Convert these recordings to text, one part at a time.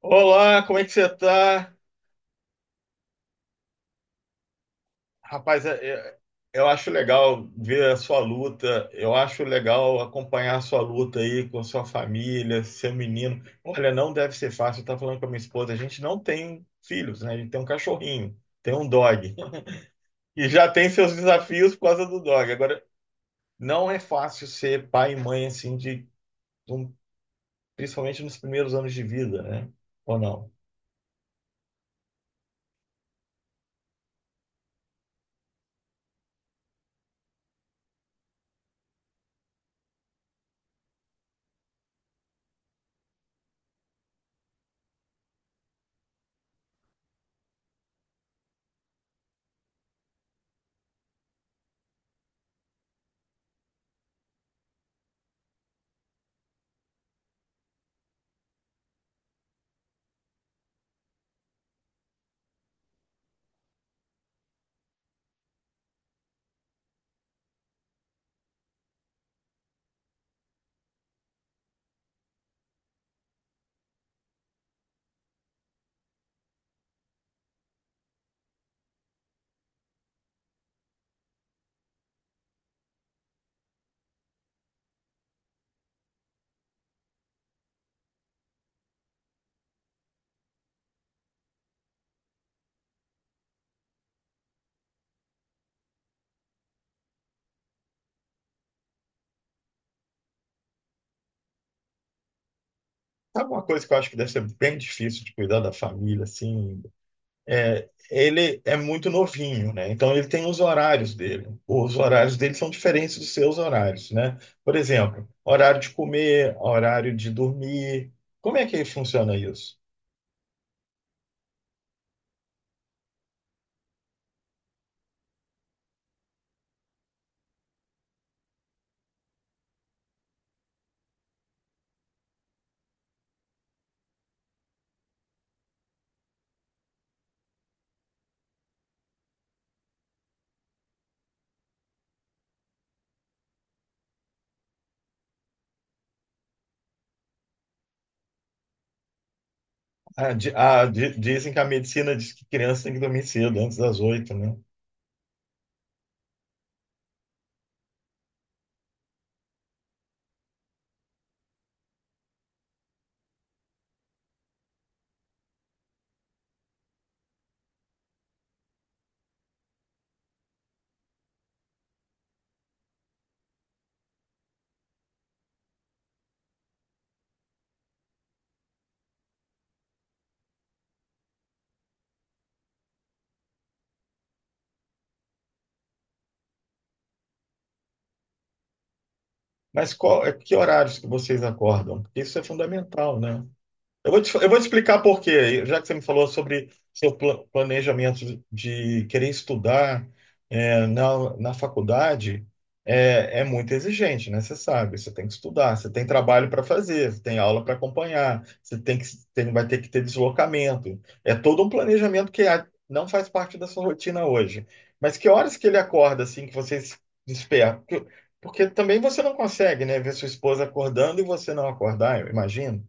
Olá, como é que você tá? Rapaz, eu acho legal ver a sua luta, eu acho legal acompanhar a sua luta aí com a sua família, seu menino. Olha, não deve ser fácil, eu tava falando com a minha esposa, a gente não tem filhos, né? A gente tem um cachorrinho, tem um dog. E já tem seus desafios por causa do dog. Agora, não é fácil ser pai e mãe assim, de, um- principalmente nos primeiros anos de vida, né? Ou não? Sabe uma coisa que eu acho que deve ser bem difícil de cuidar da família, assim? É, ele é muito novinho, né? Então ele tem os horários dele. Os horários dele são diferentes dos seus horários, né? Por exemplo, horário de comer, horário de dormir. Como é que funciona isso? Dizem que a medicina diz que criança tem que dormir cedo, antes das oito, né? Mas qual, é, que horários que vocês acordam? Porque isso é fundamental, né? Eu vou te explicar por quê, já que você me falou sobre seu planejamento de querer estudar, é, na, na faculdade, é, é muito exigente, né? Você sabe, você tem que estudar, você tem trabalho para fazer, você tem aula para acompanhar, você tem que, tem, vai ter que ter deslocamento. É todo um planejamento que a- não faz parte da sua rotina hoje. Mas que horas que ele acorda, assim, que você se desperta? Porque, porque também você não consegue, né, ver sua esposa acordando e você não acordar, eu imagino.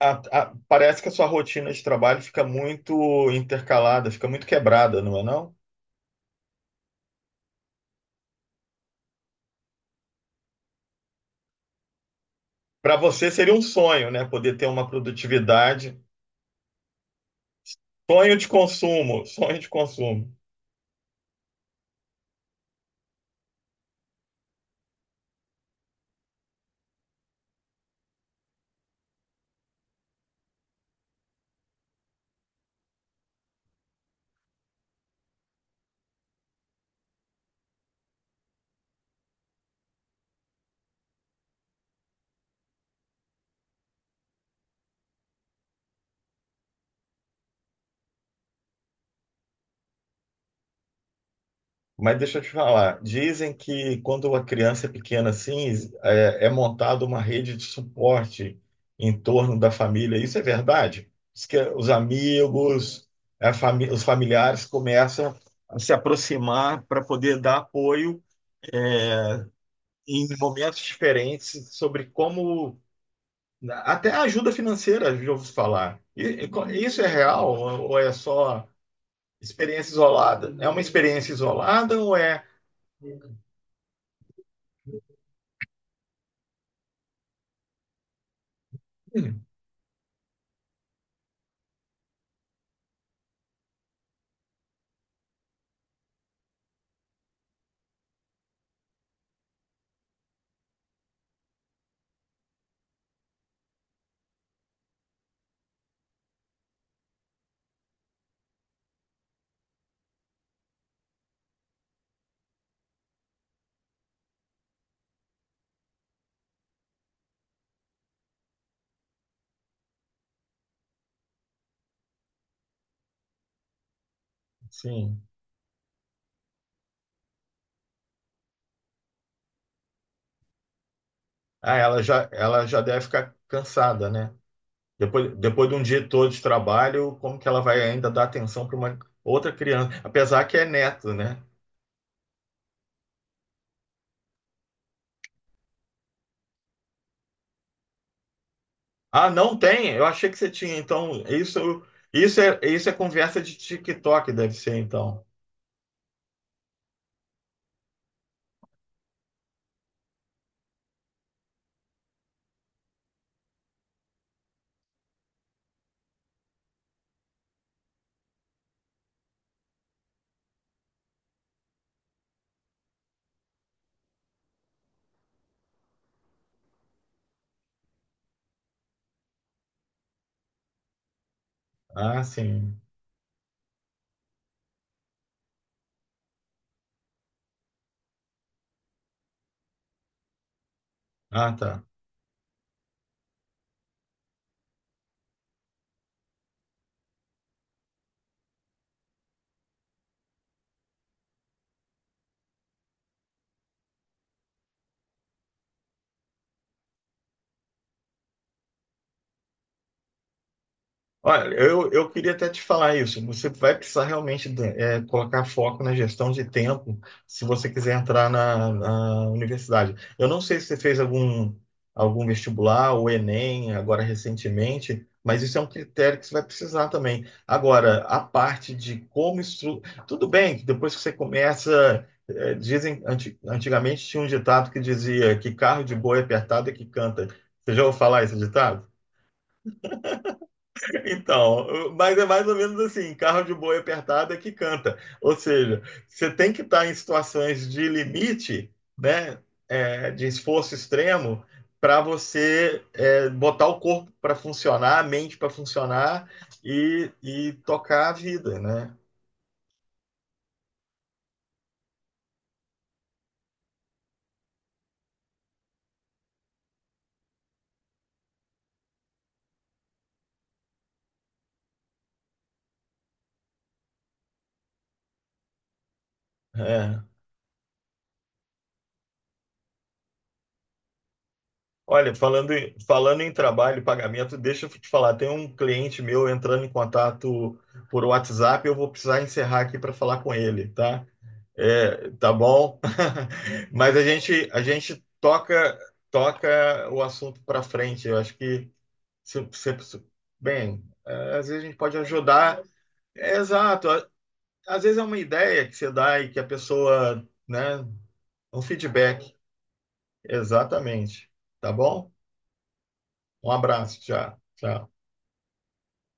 Parece que a sua rotina de trabalho fica muito intercalada, fica muito quebrada, não é não? Para você seria um sonho, né? Poder ter uma produtividade, sonho de consumo, sonho de consumo. Mas deixa eu te falar, dizem que quando a criança é pequena assim, é, é montada uma rede de suporte em torno da família. Isso é verdade? Diz que os amigos, os familiares começam a se aproximar para poder dar apoio é, em momentos diferentes sobre como, né, até a ajuda financeira, já ouvi falar. Isso é real ou é só experiência isolada? É uma experiência isolada ou é? Hum. Sim. Ah, ela já deve ficar cansada, né? Depois, depois de um dia todo de trabalho, como que ela vai ainda dar atenção para uma outra criança? Apesar que é neto, né? Ah, não tem? Eu achei que você tinha. Então, isso, isso é conversa de TikTok, deve ser, então. Ah, sim. Ah, tá. Olha, eu queria até te falar isso. Você vai precisar realmente de- é, colocar foco na gestão de tempo se você quiser entrar na, na universidade. Eu não sei se você fez algum, algum vestibular ou Enem agora recentemente, mas isso é um critério que você vai precisar também. Agora, a parte de como estru... Tudo bem que depois que você começa, é, dizem, antigamente tinha um ditado que dizia que carro de boi é apertado é que canta. Você já ouviu falar esse ditado? Então, mas é mais ou menos assim, carro de boi apertado é que canta. Ou seja, você tem que estar em situações de limite, né, é, de esforço extremo, para você é, botar o corpo para funcionar, a mente para funcionar e tocar a vida, né? É. Olha, falando, falando em trabalho e pagamento, deixa eu te falar, tem um cliente meu entrando em contato por WhatsApp, eu vou precisar encerrar aqui para falar com ele, tá? É, tá bom. Mas a gente toca, toca o assunto para frente. Eu acho que se, se, se- bem, é, às vezes a gente pode ajudar. É, exato. A- Às vezes é uma ideia que você dá e que a pessoa, né, um feedback. Exatamente. Tá bom? Um abraço, tchau. Tchau.